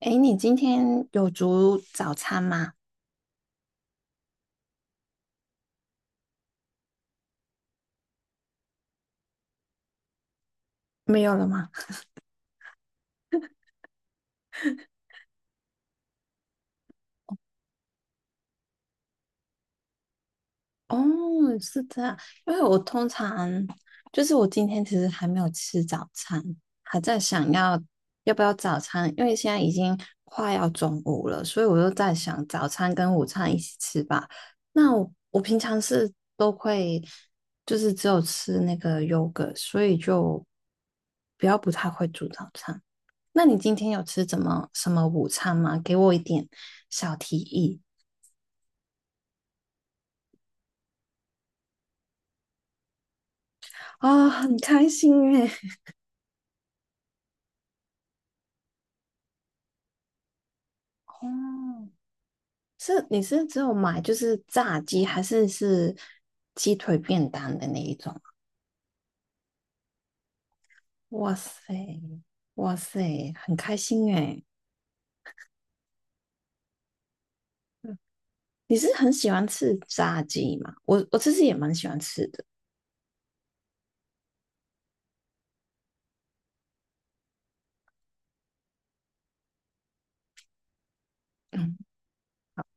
哎，你今天有煮早餐吗？没有了吗？哦，是这样，因为我通常就是我今天其实还没有吃早餐，还在想要不要早餐，因为现在已经快要中午了，所以我就在想早餐跟午餐一起吃吧。那我平常是都会就是只有吃那个 yogurt，所以就比较不太会煮早餐。那你今天有吃怎么什么午餐吗？给我一点小提议。啊、哦，很开心诶。哦，是你是只有买就是炸鸡，还是是鸡腿便当的那一种啊？哇塞，哇塞，很开心诶。嗯，你是很喜欢吃炸鸡吗？我其实也蛮喜欢吃的。嗯，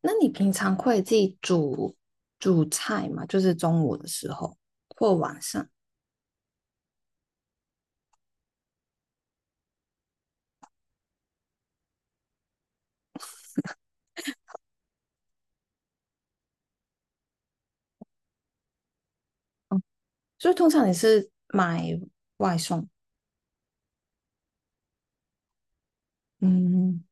那你平常会自己煮煮菜吗？就是中午的时候或晚上？所以通常你是买外送，嗯，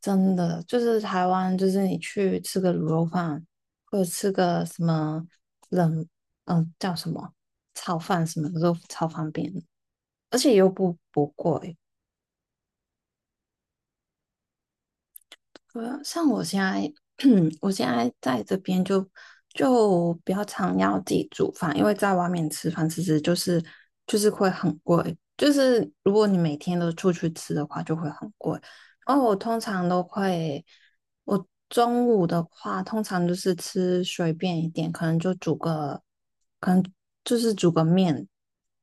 真的就是台湾，就是你去吃个卤肉饭，或者吃个什么冷，叫什么炒饭什么的都超方便，而且又不贵。对啊，像我现在，我现在在这边就比较常要自己煮饭，因为在外面吃饭其实就是会很贵，就是如果你每天都出去吃的话，就会很贵。然后我通常都会，我中午的话通常就是吃随便一点，可能就煮个，可能就是煮个面，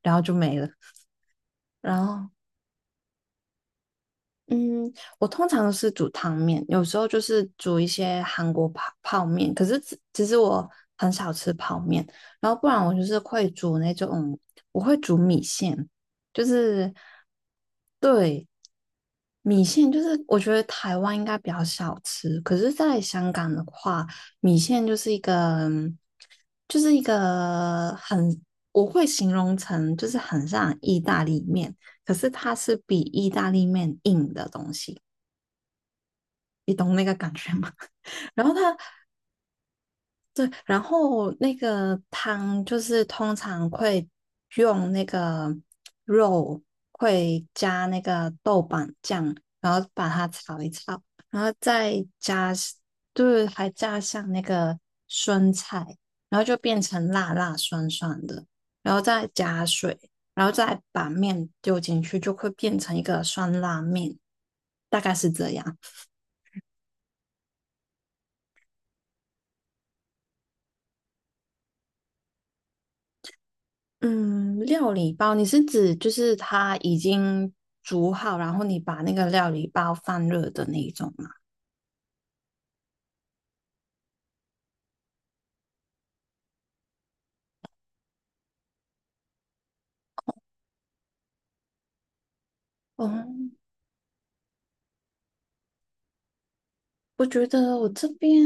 然后就没了。然后嗯，我通常是煮汤面，有时候就是煮一些韩国泡泡面。可是其实我很少吃泡面，然后不然我就是会煮那种，我会煮米线，就是对。米线，就是我觉得台湾应该比较少吃，可是在香港的话，米线就是一个，就是一个很，我会形容成就是很像意大利面，可是它是比意大利面硬的东西。然后它对，然后那个汤就是通常会用那个肉，会加那个豆瓣酱，然后再加就是还加上那个酸菜，然后就变成辣辣酸酸的，然后再加水，然后再把面丢进去，就会变成一个酸辣面，大概是这样。嗯，料理包，你是指就是它已经煮好，然后你把那个料理包放热的那一种吗？哦，我觉得我这边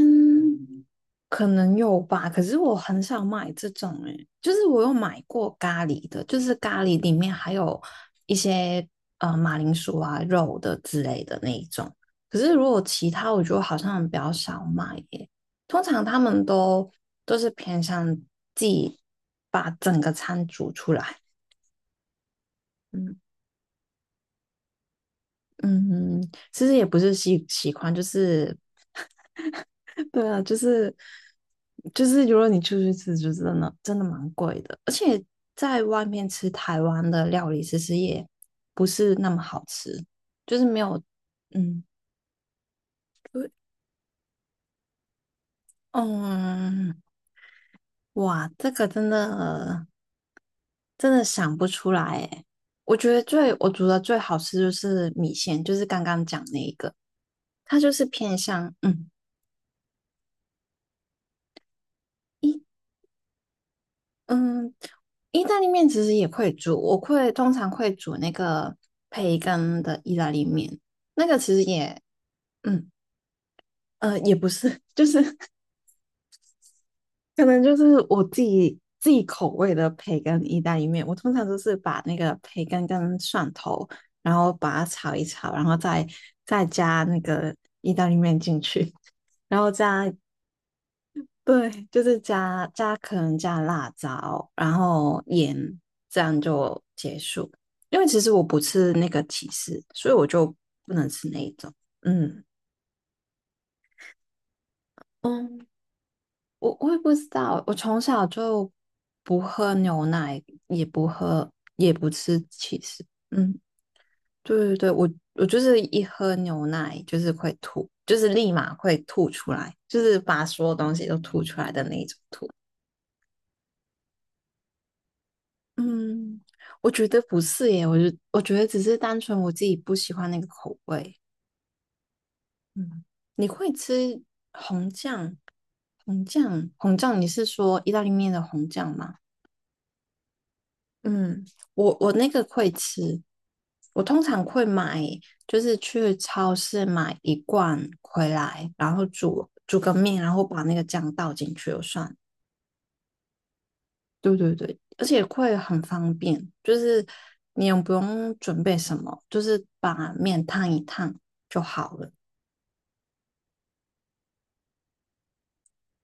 可能有吧，可是我很少买这种诶、就是我有买过咖喱的，就是咖喱里面还有一些马铃薯啊、肉的之类的那一种。可是如果其他，我觉得好像比较少买耶、通常他们都是偏向自己把整个餐煮出来。嗯嗯，其实也不是喜习惯，就是对啊，就是，如果你出去吃，就真的真的蛮贵的，而且在外面吃台湾的料理，其实也不是那么好吃，就是没有，嗯，对，嗯，哇，这个真的真的想不出来诶。我觉得最我煮的最好吃就是米线，就是刚刚讲那一个，它就是偏向嗯。一。嗯，意大利面其实也会煮，我会通常会煮那个培根的意大利面，那个其实也，嗯也不是，就是可能就是我自己口味的培根意大利面，我通常都是把那个培根跟蒜头，然后把它炒一炒，然后再加那个意大利面进去，然后样。对，就是可能加辣椒，然后盐，这样就结束。因为其实我不吃那个起司，所以我就不能吃那一种。嗯，嗯，我也不知道，我从小就不喝牛奶，也不喝，也不吃起司。嗯，对对对，我就是一喝牛奶就是会吐，就是立马会吐出来，就是把所有东西都吐出来的那一种吐。嗯，我觉得不是耶，我觉得只是单纯我自己不喜欢那个口味。嗯，你会吃红酱？红酱，红酱，你是说意大利面的红酱吗？嗯，我那个会吃，我通常会买，就是去超市买一罐回来，然后煮煮个面，然后把那个酱倒进去就算。对对对，而且会很方便，就是你也不用准备什么，就是把面烫一烫就好了。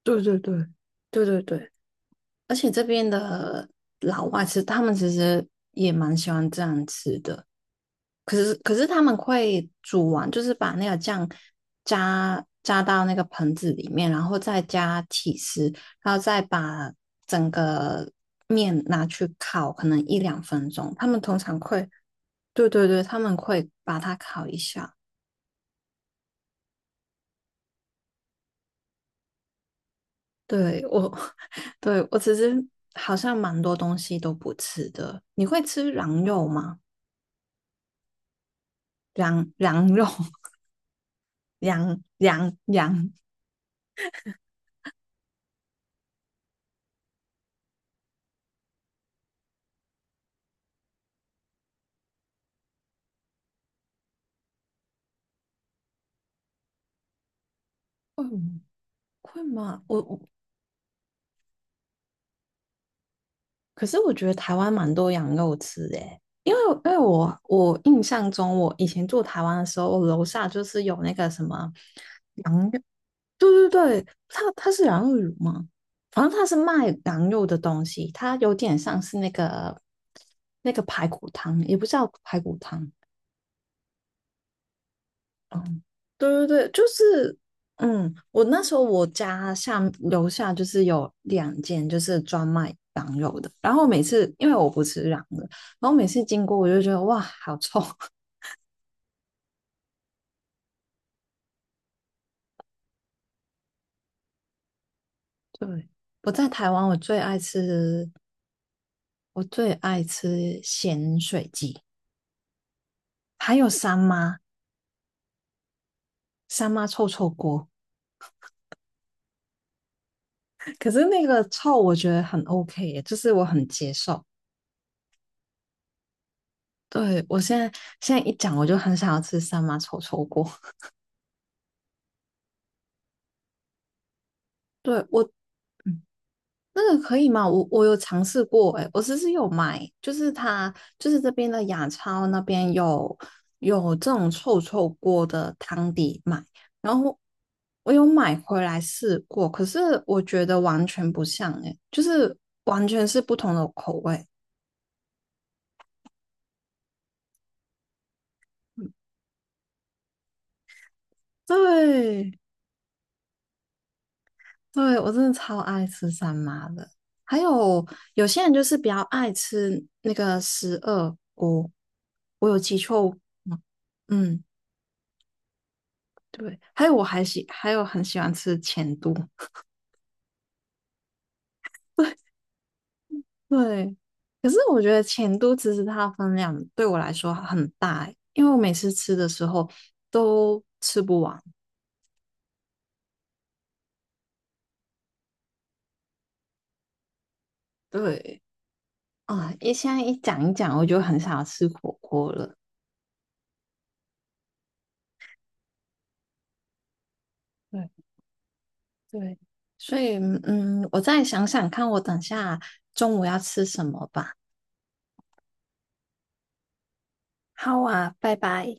对对对，对对对，而且这边的老外吃，他们其实也蛮喜欢这样吃的。可是他们会煮完，就是把那个酱加到那个盆子里面，然后再加起司，然后再把整个面拿去烤，可能一两分钟。他们通常会。对对对，他们会把它烤一下。对我，对我其实好像蛮多东西都不吃的。你会吃羊肉吗？羊肉，羊，会吗会吗？我，可是我觉得台湾蛮多羊肉吃的耶，因为我印象中，我以前住台湾的时候，我楼下就是有那个什么对对对，它是羊肉乳吗？反正它是卖羊肉的东西，它有点像是那个排骨汤，也不叫排骨汤。哦，对对对，就是我那时候我家下楼下就是有两间就是专卖羊肉的，然后每次因为我不吃羊的，然后每次经过我就觉得哇，好臭。对，我在台湾我最爱吃咸水鸡，还有三妈。三妈臭臭锅，可是那个臭我觉得很 OK耶，就是我很接受。对，我现在一讲我就很想要吃三妈臭臭锅。对我，那个可以吗？我有尝试过，欸哎，我其实有买，就是它就是这边的雅超那边有这种臭臭锅的汤底买，然后我有买回来试过，可是我觉得完全不像，欸哎，就是完全是不同的口味。对，对，我真的超爱吃三妈的。还有有些人就是比较爱吃那个十二锅，我有记错吗？嗯，对。还有我还喜，还有很喜欢吃钱都。对，可是我觉得钱都其实它的分量对我来说很大欸，因为我每次吃的时候都吃不完。对，啊，现在一讲一讲，我就很想要吃火锅了。对。对，所以我再想想看，我等下中午要吃什么吧。好啊，拜拜。